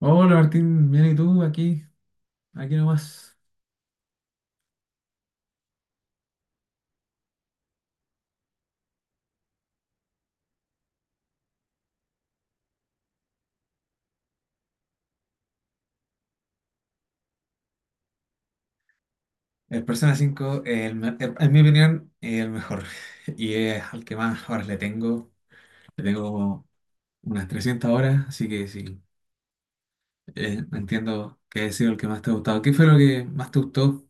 Hola Martín, bien y tú, aquí, aquí nomás. El Persona 5, en mi opinión, es el mejor. Y es al que más horas le tengo. Le tengo como unas 300 horas, así que sí, entiendo que ha sido el que más te ha gustado. ¿Qué fue lo que más te gustó?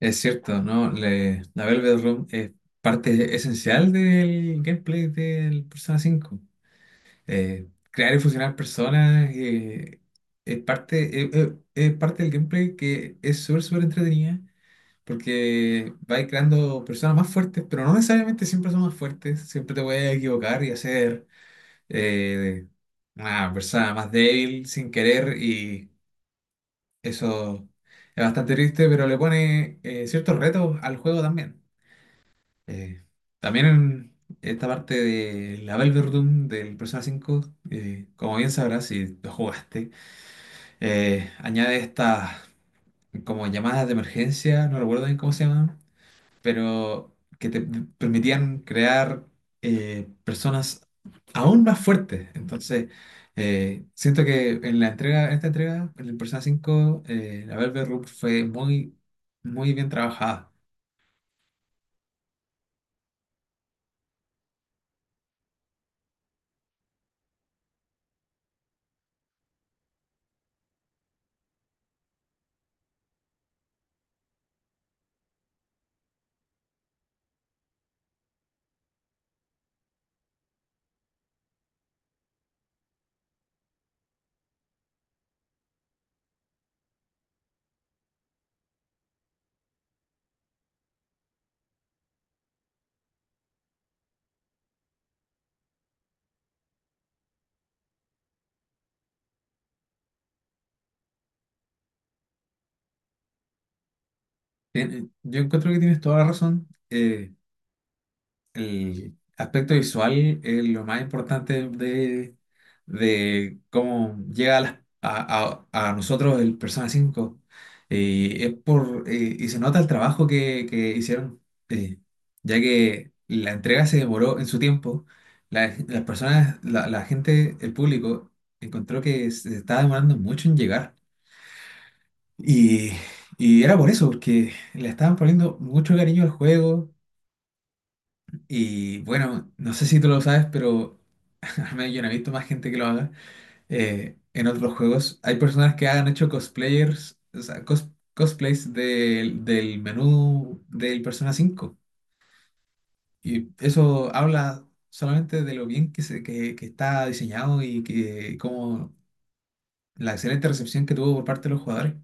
Es cierto, ¿no? La Velvet Room es parte esencial del gameplay del Persona 5. Crear y fusionar personas es parte del gameplay que es súper, súper entretenida porque vais creando personas más fuertes, pero no necesariamente siempre son más fuertes, siempre te puedes equivocar y hacer eh, una persona más débil sin querer, y eso es bastante triste, pero le pone ciertos retos al juego también. Eh, también en esta parte de la Velverdum del Persona 5, como bien sabrás si lo jugaste, añade estas como llamadas de emergencia, no recuerdo bien cómo se llaman, pero que te permitían crear personas aún más fuertes. Entonces, siento que en esta entrega, en el Persona 5, la Velverdum fue muy, muy bien trabajada. Bien, yo encuentro que tienes toda la razón. El aspecto visual es lo más importante de cómo llega a, las- a nosotros el Persona 5. Y se nota el trabajo que hicieron, eh, ya que la entrega se demoró en su tiempo. La gente, el público, encontró que se estaba demorando mucho en llegar. Y, y era por eso, porque le estaban poniendo mucho cariño al juego, y bueno, no sé si tú lo sabes, pero al menos yo no he visto más gente que lo haga. En otros juegos hay personas que han hecho cosplayers, o sea, cosplays del menú del Persona 5. Y eso habla solamente de lo bien que está diseñado y que como la excelente recepción que tuvo por parte de los jugadores.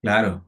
Claro.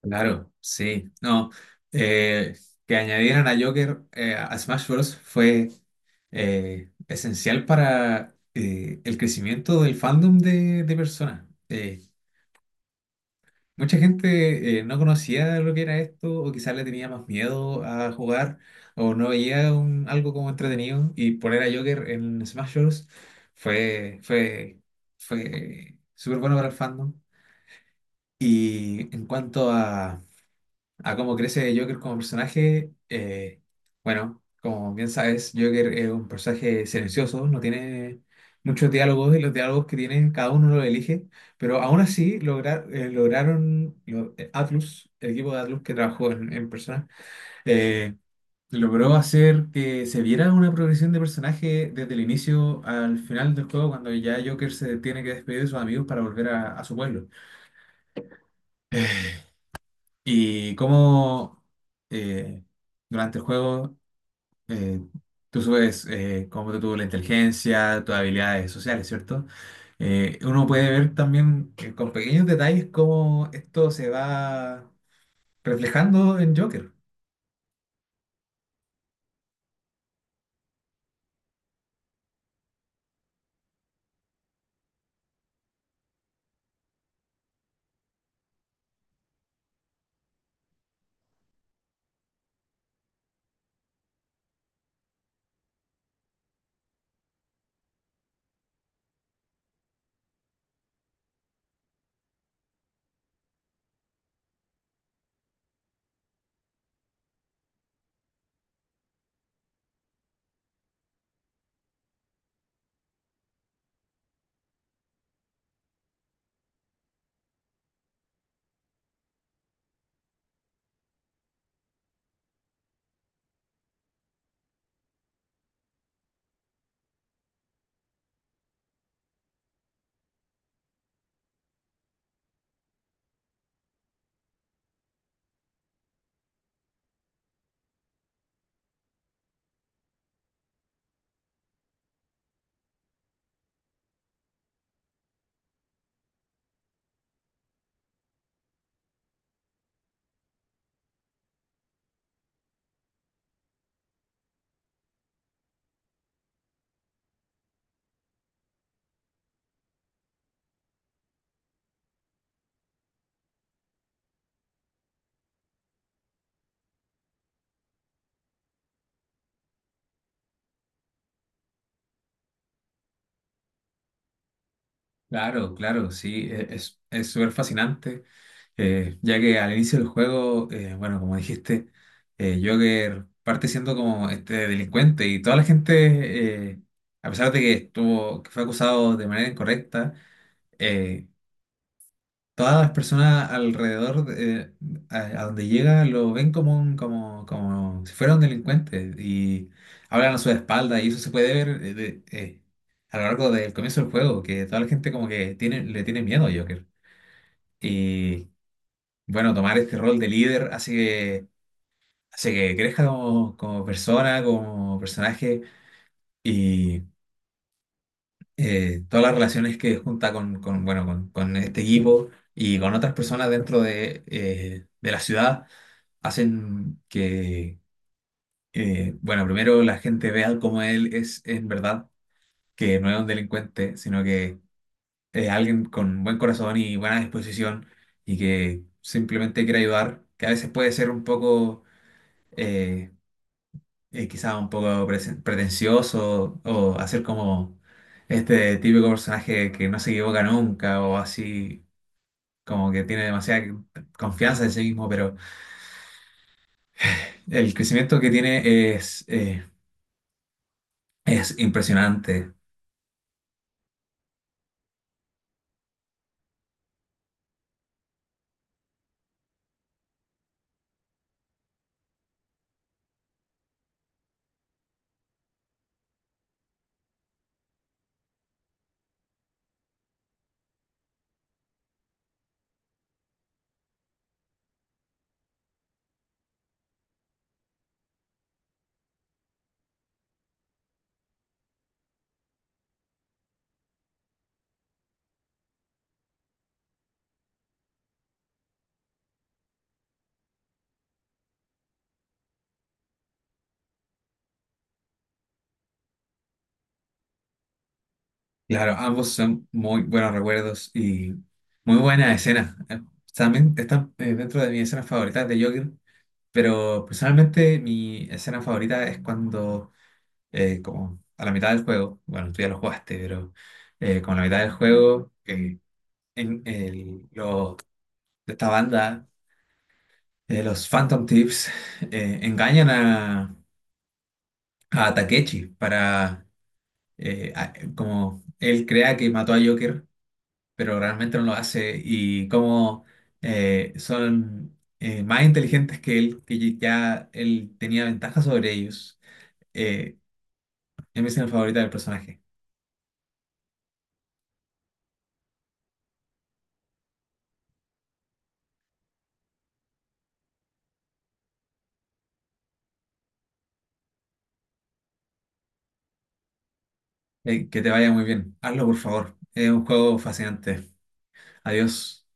Claro, sí. No, eh, que añadieran a Joker, a Smash Bros. Fue esencial para el crecimiento del fandom de Persona. Mucha gente no conocía lo que era esto, o quizás le tenía más miedo a jugar, o no veía algo como entretenido, y poner a Joker en Smash Bros. fue, fue, fue súper bueno para el fandom. Y en cuanto a cómo crece Joker como personaje, bueno, como bien sabes, Joker es un personaje silencioso, no tiene muchos diálogos, y los diálogos que tiene cada uno lo elige, pero aún así lograron, Atlus, el equipo de Atlus que trabajó en persona, eh, logró hacer que se viera una progresión de personaje desde el inicio al final del juego, cuando ya Joker se tiene que despedir de sus amigos para volver a su pueblo. Y cómo, eh, durante el juego, eh, tú subes, cómo te tuvo la inteligencia, tus habilidades sociales, ¿cierto? Uno puede ver también, con pequeños detalles cómo esto se va reflejando en Joker. Claro, claro, sí, es súper fascinante. Ya que al inicio del juego, bueno, como dijiste, Joker parte siendo como este delincuente, y toda la gente, a pesar de que fue acusado de manera incorrecta, eh, todas las personas alrededor, a donde llega, lo ven como si fuera un delincuente, y hablan a su espalda, y eso se puede ver, a lo largo del comienzo del juego, que toda la gente como que le tiene miedo a Joker. Y bueno, tomar este rol de líder hace que crezca como persona, como personaje, y, todas las relaciones que junta bueno, con este equipo y con otras personas dentro de la ciudad hacen que, bueno, primero la gente vea cómo él es en verdad, que no es un delincuente, sino que es alguien con buen corazón y buena disposición, y que simplemente quiere ayudar, que a veces puede ser un poco, eh, quizá un poco pretencioso, o hacer como este típico personaje que no se equivoca nunca, o así como que tiene demasiada confianza en sí mismo, pero el crecimiento que tiene es impresionante. Claro, ambos son muy buenos recuerdos y muy buenas escenas. También están, dentro de mis escenas favoritas de Joker, pero personalmente mi escena favorita es cuando, como a la mitad del juego, bueno, tú ya lo jugaste, pero, como a la mitad del juego, los de esta banda, los Phantom Tips, engañan a Takechi, para, como él crea que mató a Joker, pero realmente no lo hace, y como, son, más inteligentes que él, que ya él tenía ventaja sobre ellos. Eh, es mi escena favorita del personaje. Que te vaya muy bien. Hazlo, por favor. Es un juego fascinante. Adiós.